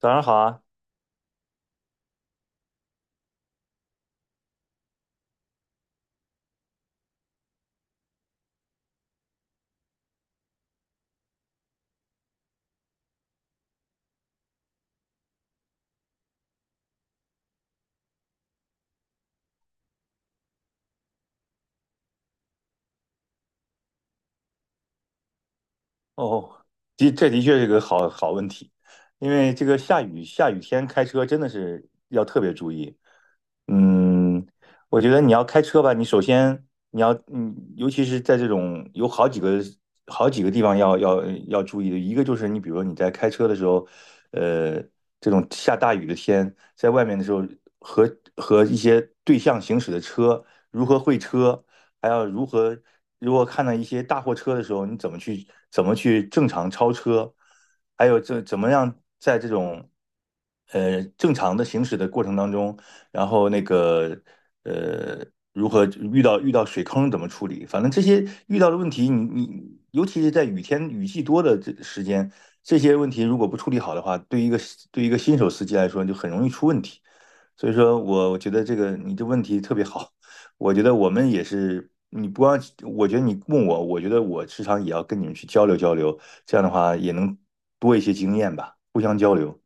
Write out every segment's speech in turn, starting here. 早上好啊！哦，的确是个好问题，因为这个下雨天开车真的是要特别注意。嗯，我觉得你要开车吧，你首先你要，尤其是在这种有好几个地方要注意的，一个就是你比如说你在开车的时候，呃，这种下大雨的天，在外面的时候和和一些对向行驶的车如何会车，还要如果看到一些大货车的时候，你怎么去正常超车，还有这怎么样在这种正常的行驶的过程当中。然后那个呃，如何遇到水坑怎么处理？反正这些遇到的问题，你尤其是在雨天雨季多的这时间，这些问题如果不处理好的话，对一个新手司机来说就很容易出问题。所以说我觉得这个你这问题特别好，我觉得我们也是。你不光，我觉得你问我，我觉得我时常也要跟你们去交流交流，这样的话也能多一些经验吧，互相交流。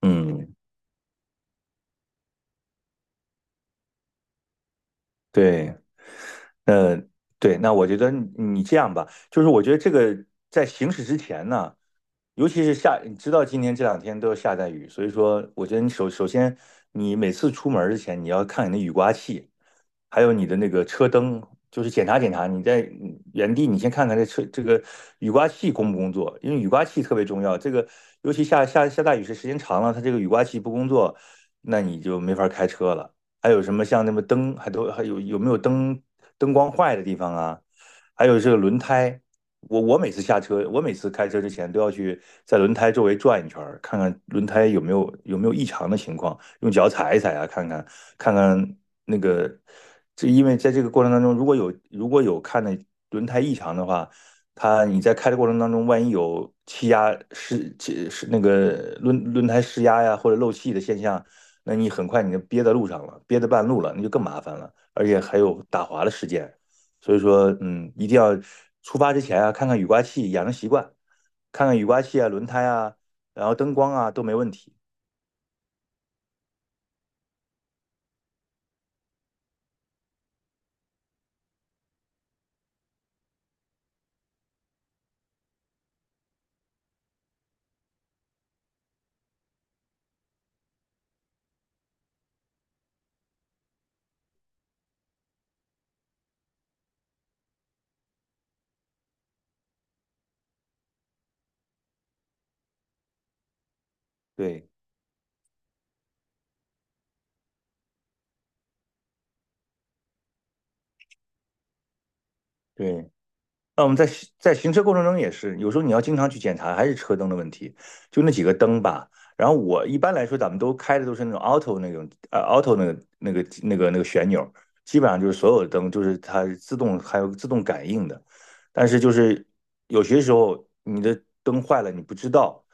嗯，对。呃，对，那我觉得你这样吧，就是我觉得这个在行驶之前呢，尤其是下，你知道今天这2天都要下大雨，所以说我觉得你首先你每次出门儿之前，你要看你的雨刮器，还有你的那个车灯，就是检查检查。你在原地你先看看这车这个雨刮器工不工作，因为雨刮器特别重要。这个尤其下大雨时间长了，它这个雨刮器不工作，那你就没法开车了。还有什么像那么灯，还有有没有灯光坏的地方啊？还有这个轮胎，我每次下车，我每次开车之前都要去在轮胎周围转一圈儿，看看轮胎有没有异常的情况，用脚踩一踩啊，看看那个，这因为在这个过程当中，如果有看的轮胎异常的话，它你在开的过程当中，万一有气压失气是那个轮胎失压呀，或者漏气的现象，那你很快你就憋在路上了，憋在半路了，那就更麻烦了，而且还有打滑的事件。所以说，一定要出发之前啊，看看雨刮器，养成习惯，看看雨刮器啊、轮胎啊，然后灯光啊都没问题。对对。那我们在行车过程中也是，有时候你要经常去检查，还是车灯的问题，就那几个灯吧。然后我一般来说，咱们都开的都是那种 auto 那种auto 那个旋钮，基本上就是所有的灯就是它自动还有自动感应的。但是就是有些时候你的灯坏了你不知道，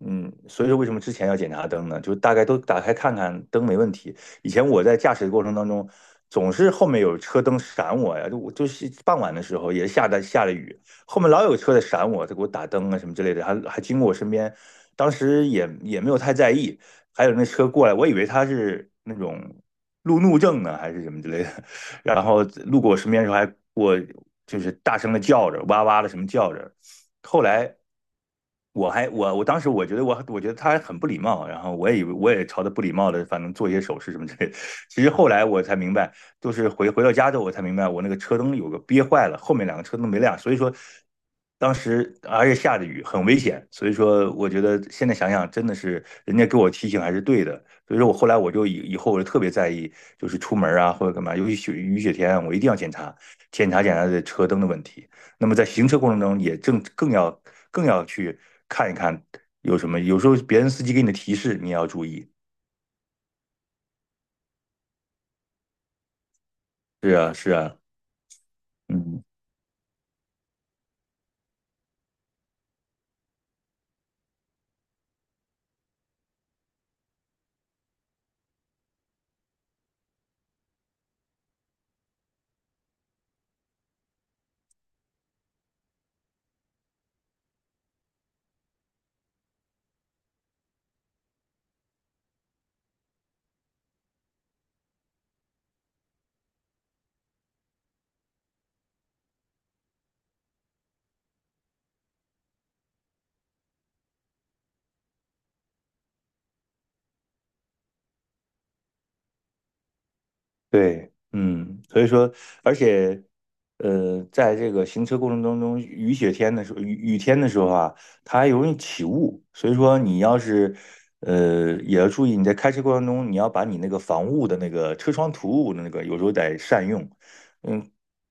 所以说为什么之前要检查灯呢？就大概都打开看看灯没问题。以前我在驾驶的过程当中，总是后面有车灯闪我呀，就我就是傍晚的时候也下的下了雨，后面老有车在闪我，他给我打灯啊什么之类的，还经过我身边，当时也没有太在意，还有那车过来，我以为他是那种路怒症呢还是什么之类的，然后路过我身边的时候还我就是大声的叫着，哇哇的什么叫着，后来。我当时我觉得他很不礼貌，然后我也以为我也朝他不礼貌的，反正做一些手势什么之类的。其实后来我才明白，就是回到家之后，我才明白我那个车灯有个憋坏了，后面两个车灯没亮，所以说当时而且下着雨，很危险，所以说我觉得现在想想真的是人家给我提醒还是对的，所以说我后来我就以后我就特别在意，就是出门啊或者干嘛，尤其雨雪天啊，我一定要检查检查这车灯的问题。那么在行车过程中也正更要更要去看一看有什么，有时候别人司机给你的提示你也要注意。是啊，是啊，嗯。对，所以说，而且，在这个行车过程当中，雨雪天的时候，雨天的时候啊，它还容易起雾，所以说你要是，也要注意你在开车过程中，你要把你那个防雾的那个车窗涂雾的那个，有时候得善用，嗯，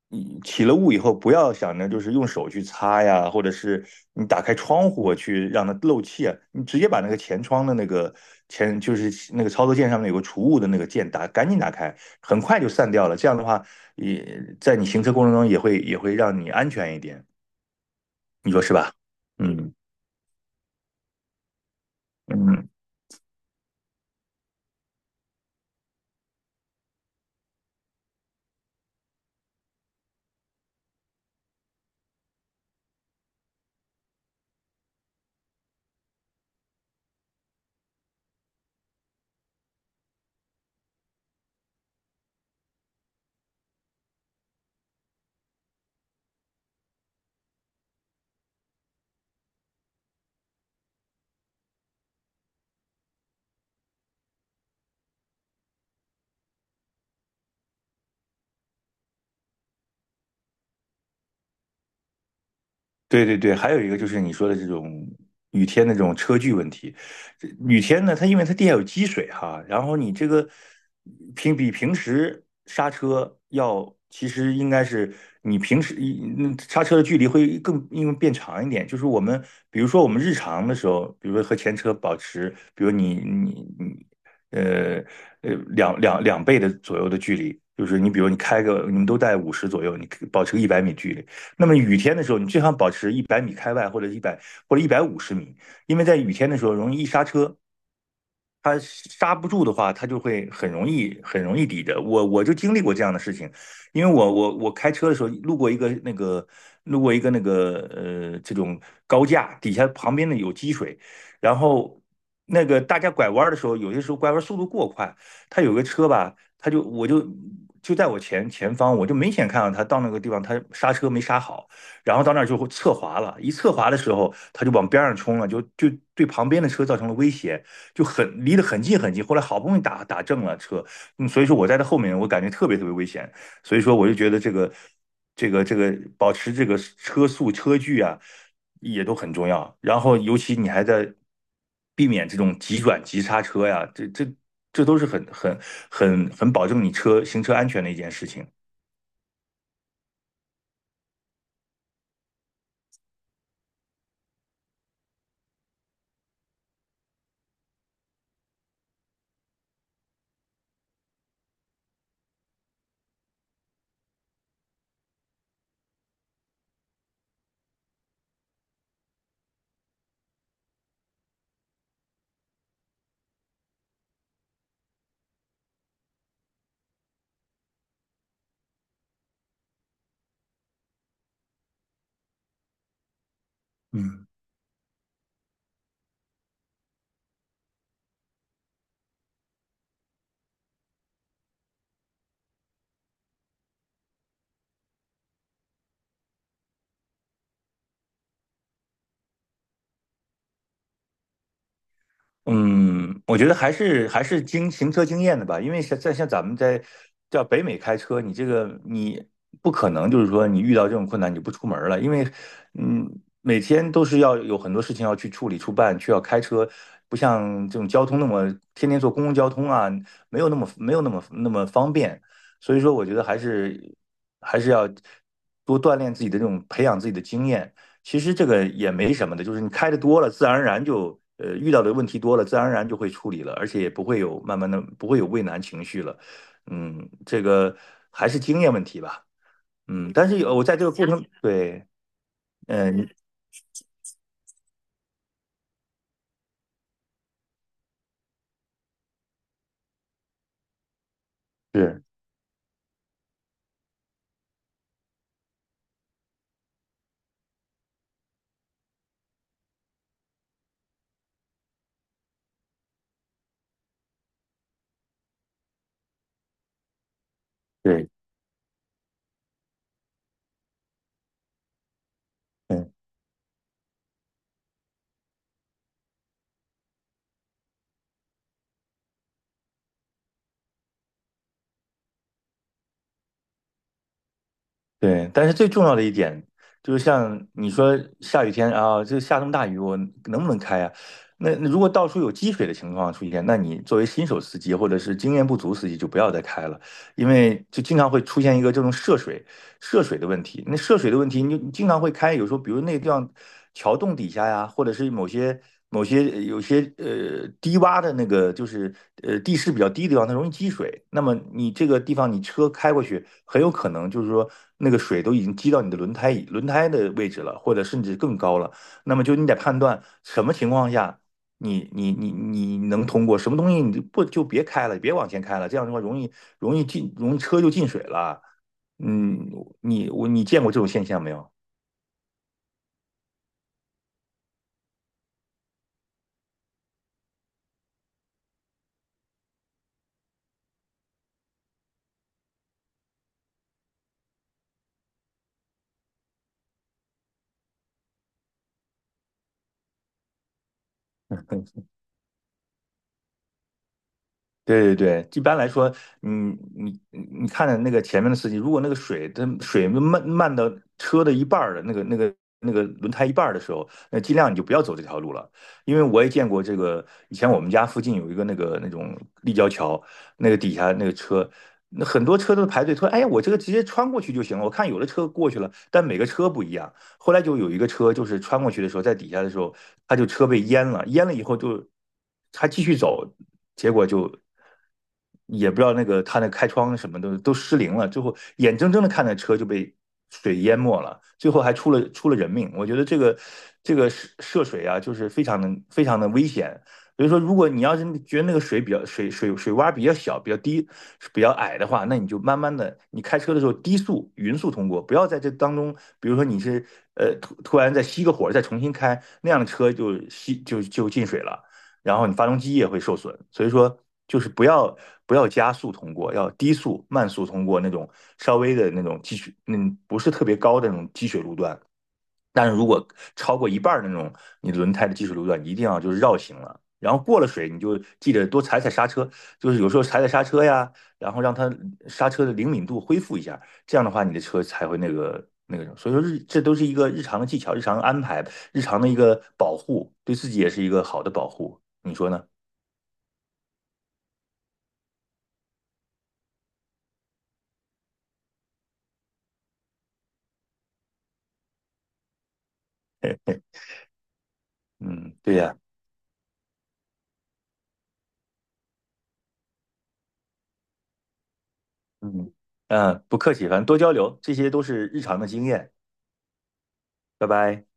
你起了雾以后，不要想着就是用手去擦呀，或者是你打开窗户去让它漏气啊，你直接把那个前窗的那个就是那个操作键上面有个除雾的那个键打，赶紧打开，很快就散掉了。这样的话，也在你行车过程中也会让你安全一点，你说是吧？嗯嗯，对对对，还有一个就是你说的这种雨天的这种车距问题。这雨天呢，它因为它地下有积水哈，然后你这个比平时刹车要，其实应该是你平时一刹车的距离会更因为变长一点。就是我们比如说我们日常的时候，比如说和前车保持，比如你呃两倍的左右的距离，就是你比如你开个你们都在五十左右，你保持个一百米距离。那么雨天的时候，你最好保持一百米开外或者150米，因为在雨天的时候容易一刹车，他刹不住的话，他就会很容易很容易抵着。我就经历过这样的事情，因为我开车的时候路过一个那个这种高架，底下旁边呢有积水，然后那个大家拐弯的时候，有些时候拐弯速度过快，他有个车吧，他就我就。就在我前方，我就明显看到他到那个地方，他刹车没刹好，然后到那儿就侧滑了。一侧滑的时候，他就往边上冲了，就对旁边的车造成了威胁。就很离得很近很近。后来好不容易打正了车，所以说我在他后面，我感觉特别特别危险。所以说我就觉得这个保持这个车速车距啊，也都很重要。然后尤其你还在避免这种急转急刹车呀，这都是很保证你行车安全的一件事情。嗯。嗯，我觉得还是行车经验的吧，因为像咱们在叫北美开车，你这个你不可能就是说你遇到这种困难你就不出门了，因为嗯每天都是要有很多事情要去处理、处办，去要开车，不像这种交通那么天天坐公共交通啊，没有那么方便，所以说我觉得还是要多锻炼自己的这种培养自己的经验。其实这个也没什么的，就是你开的多了，自然而然就遇到的问题多了，自然而然就会处理了，而且也不会有慢慢的不会有畏难情绪了。嗯，这个还是经验问题吧。嗯，但是有我在这个过程，对，嗯，是，对。嗯。对，但是最重要的一点就是，像你说下雨天啊，这下这么大雨，我能不能开啊？那如果到处有积水的情况出现，那你作为新手司机或者是经验不足司机就不要再开了，因为就经常会出现一个这种涉水，涉水的问题。那涉水的问题，你就经常会开，有时候比如那个地方桥洞底下呀，或者是某些有些低洼的那个，就是地势比较低的地方，它容易积水。那么你这个地方，你车开过去，很有可能就是说那个水都已经积到你的轮胎的位置了，或者甚至更高了。那么就你得判断什么情况下。你能通过什么东西你就不就别开了，别往前开了，这样的话容易容易进容易车就进水了。嗯，你见过这种现象没有？嗯，对对对，一般来说，嗯，你看的那个前面的司机，如果那个水它水漫到车的一半儿的那个轮胎一半儿的时候，那尽量你就不要走这条路了，因为我也见过这个，以前我们家附近有一个那个那种立交桥，那个底下那个车，那很多车都排队，说哎呀，我这个直接穿过去就行了。我看有的车过去了，但每个车不一样，后来就有一个车，就是穿过去的时候，在底下的时候，他就车被淹了，淹了以后就他继续走，结果就也不知道那个他那开窗什么的都失灵了，最后眼睁睁的看着车就被水淹没了，最后还出了人命。我觉得这个这个涉水啊，就是非常的危险，所以说，如果你要是觉得那个水比较水洼比较小、比较低、比较矮的话，那你就慢慢的，你开车的时候低速、匀速通过，不要在这当中，比如说你是突然再熄个火再重新开，那样的车就就进水了，然后你发动机也会受损。所以说，就是不要加速通过，要低速慢速通过那种稍微的那种积水，嗯，不是特别高的那种积水路段。但是如果超过一半那种，你轮胎的技术路段，你一定要就是绕行了。然后过了水，你就记得多踩踩刹车，就是有时候踩踩刹车呀，然后让它刹车的灵敏度恢复一下，这样的话你的车才会那个那个什么。所以说这都是一个日常的技巧、日常的安排、日常的一个保护，对自己也是一个好的保护。你说呢？嘿，嗯，对呀，嗯嗯，不客气，反正多交流，这些都是日常的经验。拜拜。